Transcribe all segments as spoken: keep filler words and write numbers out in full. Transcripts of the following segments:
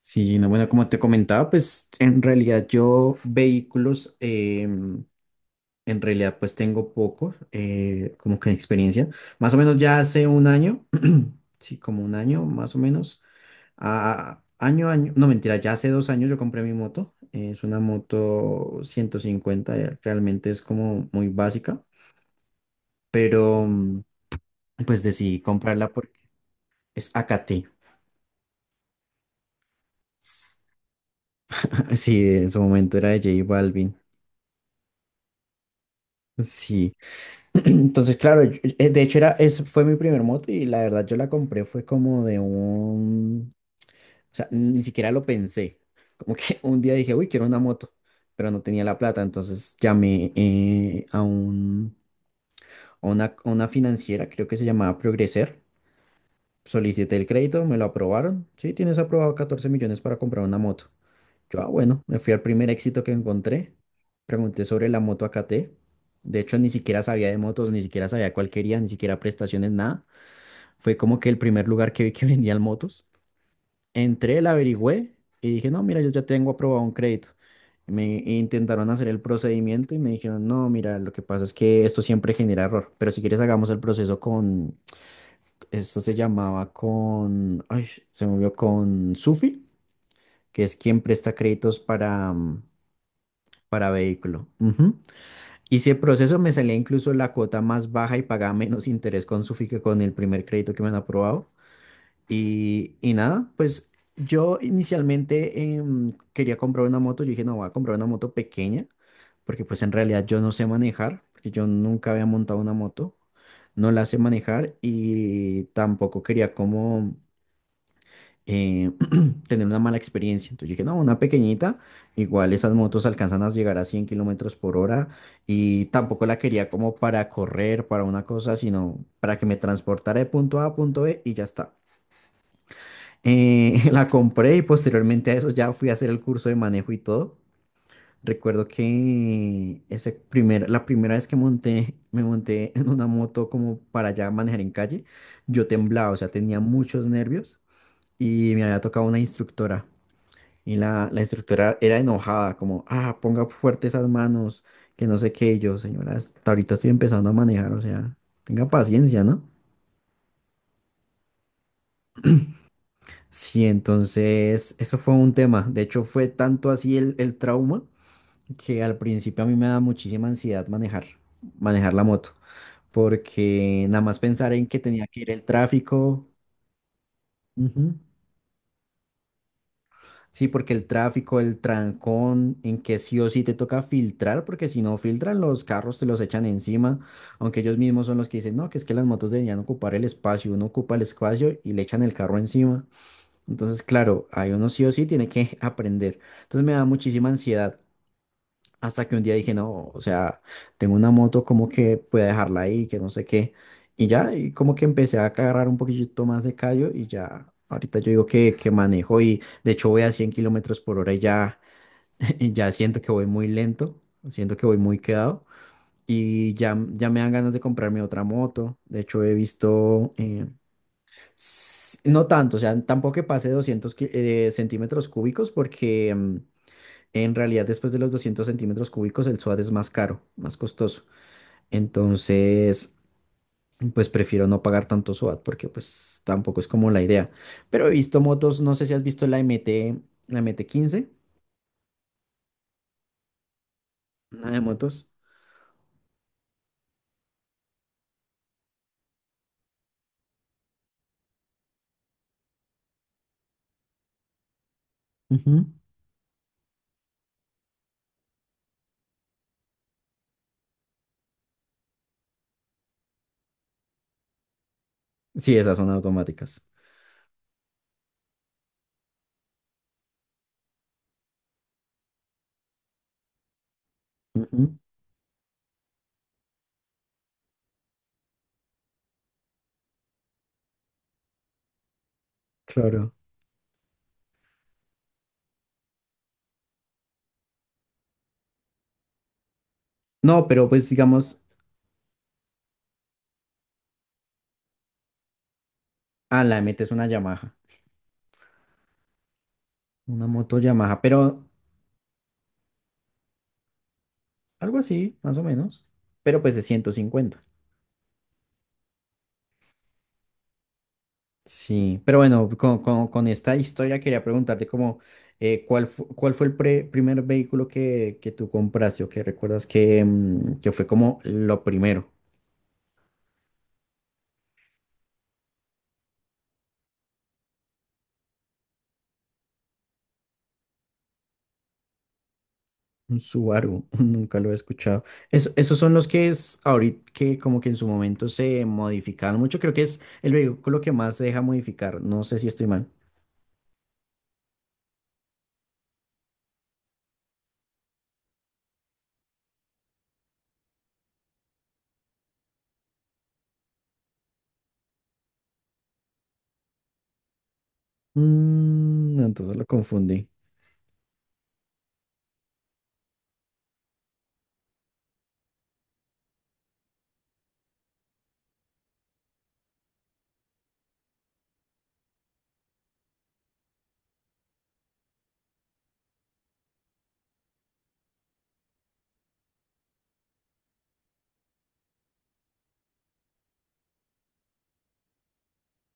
Sí, no, bueno, como te comentaba, pues en realidad yo vehículos, em, en realidad pues tengo poco, eh, como que experiencia. Más o menos ya hace un año, sí, como un año más o menos, a, año, año, no mentira, ya hace dos años yo compré mi moto. Es una moto ciento cincuenta, eh, realmente es como muy básica, pero mm, pues decidí comprarla porque es A K T. Sí, en su momento era de J Balvin. Sí. Entonces, claro, yo- eh, de hecho era, es, fue mi primer moto y la verdad yo la compré fue como de un, o sea, ni siquiera lo pensé. Como que un día dije, uy, quiero una moto, pero no tenía la plata, entonces llamé eh, a un, a una, a una financiera, creo que se llamaba Progreser, solicité el crédito, me lo aprobaron, sí, tienes aprobado catorce millones para comprar una moto. Yo, ah, bueno, me fui al primer éxito que encontré. Pregunté sobre la moto A K T. De hecho, ni siquiera sabía de motos, ni siquiera sabía cuál quería, ni siquiera prestaciones, nada. Fue como que el primer lugar que vi que vendían motos. Entré, la averigüé y dije, no, mira, yo ya tengo aprobado un crédito. Me intentaron hacer el procedimiento y me dijeron, no, mira, lo que pasa es que esto siempre genera error, pero si quieres hagamos el proceso con, esto se llamaba con, ay, se movió con Sufi, que es quien presta créditos para, mm, para vehículo. Ujú. Y si el proceso me salía incluso la cuota más baja y pagaba menos interés con su que con el primer crédito que me han aprobado. Y, y nada, pues yo inicialmente em, quería comprar una moto. Yo dije, no, voy a comprar una moto pequeña, porque pues en realidad yo no sé manejar, porque yo nunca había montado una moto, no la sé manejar y tampoco quería como... eh, tener una mala experiencia. Entonces yo dije, no, una pequeñita, igual esas motos alcanzan a llegar a cien kilómetros por hora y tampoco la quería como para correr, para una cosa, sino para que me transportara de punto A a punto B y ya está. Eh, la compré y posteriormente a eso ya fui a hacer el curso de manejo y todo. Recuerdo que ese primer, la primera vez que monté, me monté en una moto como para ya manejar en calle, yo temblaba, o sea, tenía muchos nervios y me había tocado una instructora. Y la, la instructora era enojada, como, ah, ponga fuerte esas manos, que no sé qué, y yo, señora, hasta ahorita estoy empezando a manejar, o sea, tenga paciencia, ¿no? Sí, entonces, eso fue un tema. De hecho, fue tanto así el, el trauma que al principio a mí me da muchísima ansiedad manejar, manejar la moto, porque nada más pensar en que tenía que ir el tráfico. Ujú. Sí, porque el tráfico, el trancón, en que sí o sí te toca filtrar, porque si no filtran, los carros te los echan encima, aunque ellos mismos son los que dicen, no, que es que las motos deberían ocupar el espacio, uno ocupa el espacio y le echan el carro encima. Entonces, claro, ahí uno sí o sí tiene que aprender. Entonces me da muchísima ansiedad. Hasta que un día dije, no, o sea, tengo una moto, como que puedo dejarla ahí, que no sé qué. Y ya, y como que empecé a agarrar un poquito más de callo y ya, ahorita yo digo que, que manejo y de hecho voy a cien kilómetros por hora y ya, y ya siento que voy muy lento, siento que voy muy quedado y ya, ya me dan ganas de comprarme otra moto. De hecho, he visto, eh, s- no tanto, o sea, tampoco que pase doscientos ki- eh, centímetros cúbicos porque... mm, en realidad, después de los doscientos centímetros cúbicos, el SOAT es más caro, más costoso. Entonces, pues prefiero no pagar tanto SOAT porque pues tampoco es como la idea. Pero he visto motos, no sé si has visto la M T, la M T quince, una de motos. Ujú. Sí, esas son automáticas. Ujú, claro. No, pero pues digamos, ah, la M T es una Yamaha, una moto Yamaha, pero algo así, más o menos, pero pues de ciento cincuenta. Sí, pero bueno, con, con- con esta historia quería preguntarte como, eh, ¿cuál, fu- cuál fue el pre- primer vehículo que, que tú compraste o que recuerdas que, mm, que fue como lo primero? Un Subaru, nunca lo he escuchado. Es- esos son los que es ahorita que como que en su momento se modificaron mucho, creo que es el vehículo que más se deja modificar, no sé si estoy mal. Mm, no, entonces lo confundí.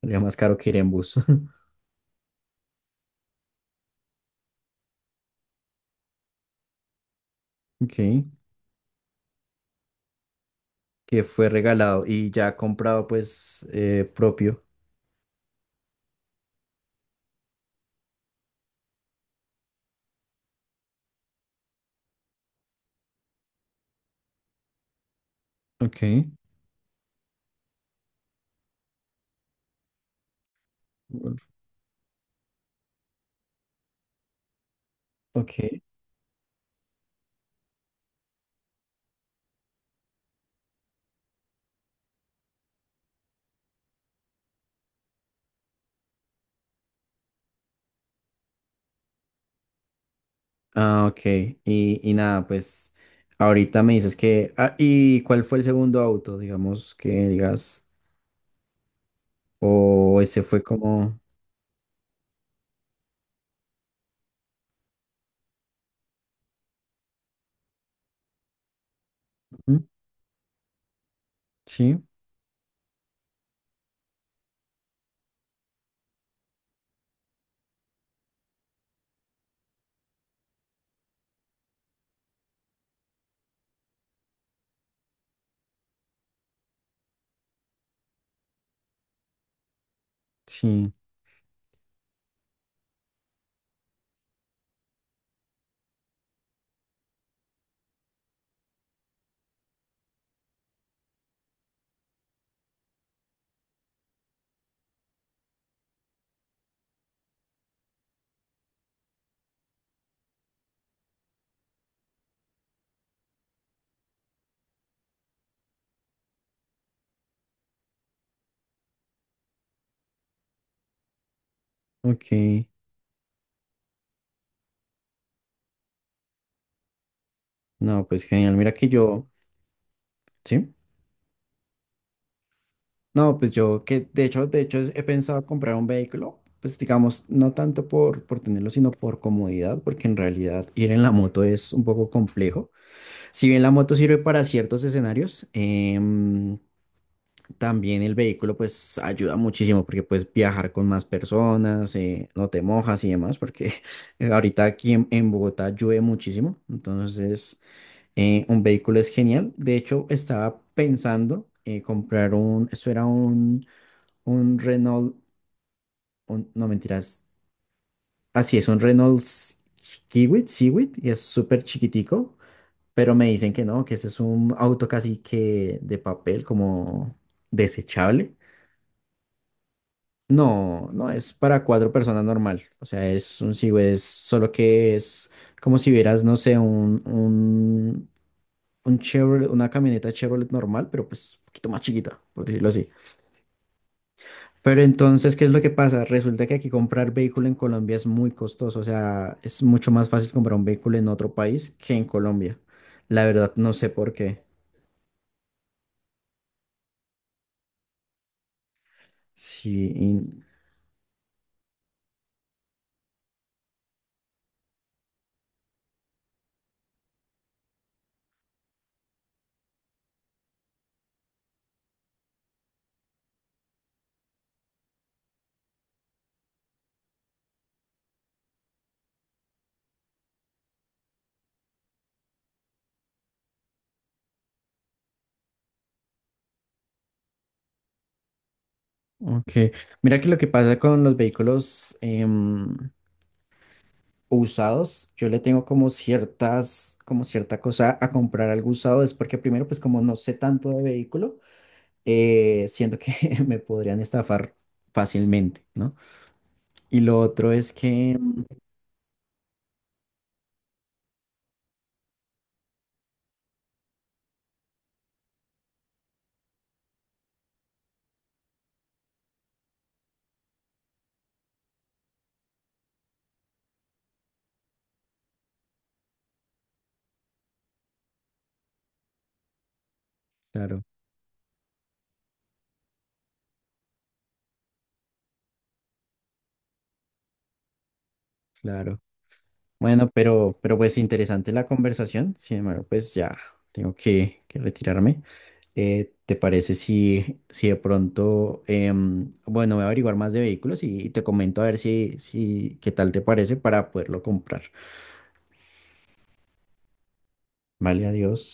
Sería más caro que ir en bus. Ok, que fue regalado y ya comprado pues eh, propio. Ok, golf, ok. Ah, ok. Y, y nada, pues ahorita me dices que. Ah, ¿y cuál fue el segundo auto? Digamos que digas. O ese fue como. ¿Mm? Sí, sí. Ok. No, pues genial. Mira que yo. Sí. No, pues yo que de hecho, de hecho es- he pensado comprar un vehículo. Pues digamos, no tanto por, por tenerlo, sino por comodidad, porque en realidad ir en la moto es un poco complejo. Si bien la moto sirve para ciertos escenarios, em, También el vehículo pues ayuda muchísimo porque puedes viajar con más personas, eh, no te mojas y demás, porque eh, ahorita aquí en, en Bogotá llueve muchísimo, entonces eh, un vehículo es genial. De hecho, estaba pensando eh, comprar un, eso era un, un Renault, un- no mentiras, así es, un Renault S- Kiwit, Civic, y es súper chiquitico, pero me dicen que no, que ese es un auto casi que de papel, como desechable. No, no es para cuatro personas normal. O sea, es un es solo que es como si vieras, no sé, un, un, un Chevrolet, una camioneta Chevrolet normal, pero pues un poquito más chiquita, por decirlo así. Pero entonces, ¿qué es lo que pasa? Resulta que aquí comprar vehículo en Colombia es muy costoso. O sea, es mucho más fácil comprar un vehículo en otro país que en Colombia. La verdad, no sé por qué. Sí, y- ok. Mira que lo que pasa con los vehículos, em, usados, yo le tengo como ciertas, como cierta cosa a comprar algo usado, es porque primero, pues como no sé tanto de vehículo, eh, siento que me podrían estafar fácilmente, ¿no? Y lo otro es que, mm. Claro, claro. Bueno, pero, pero pues interesante la conversación, sin embargo, pues ya tengo que, que retirarme. Eh, ¿te parece si, si de pronto, em, bueno, voy a averiguar más de vehículos y, y te comento a ver si, si, qué tal te parece para poderlo comprar? Vale, adiós.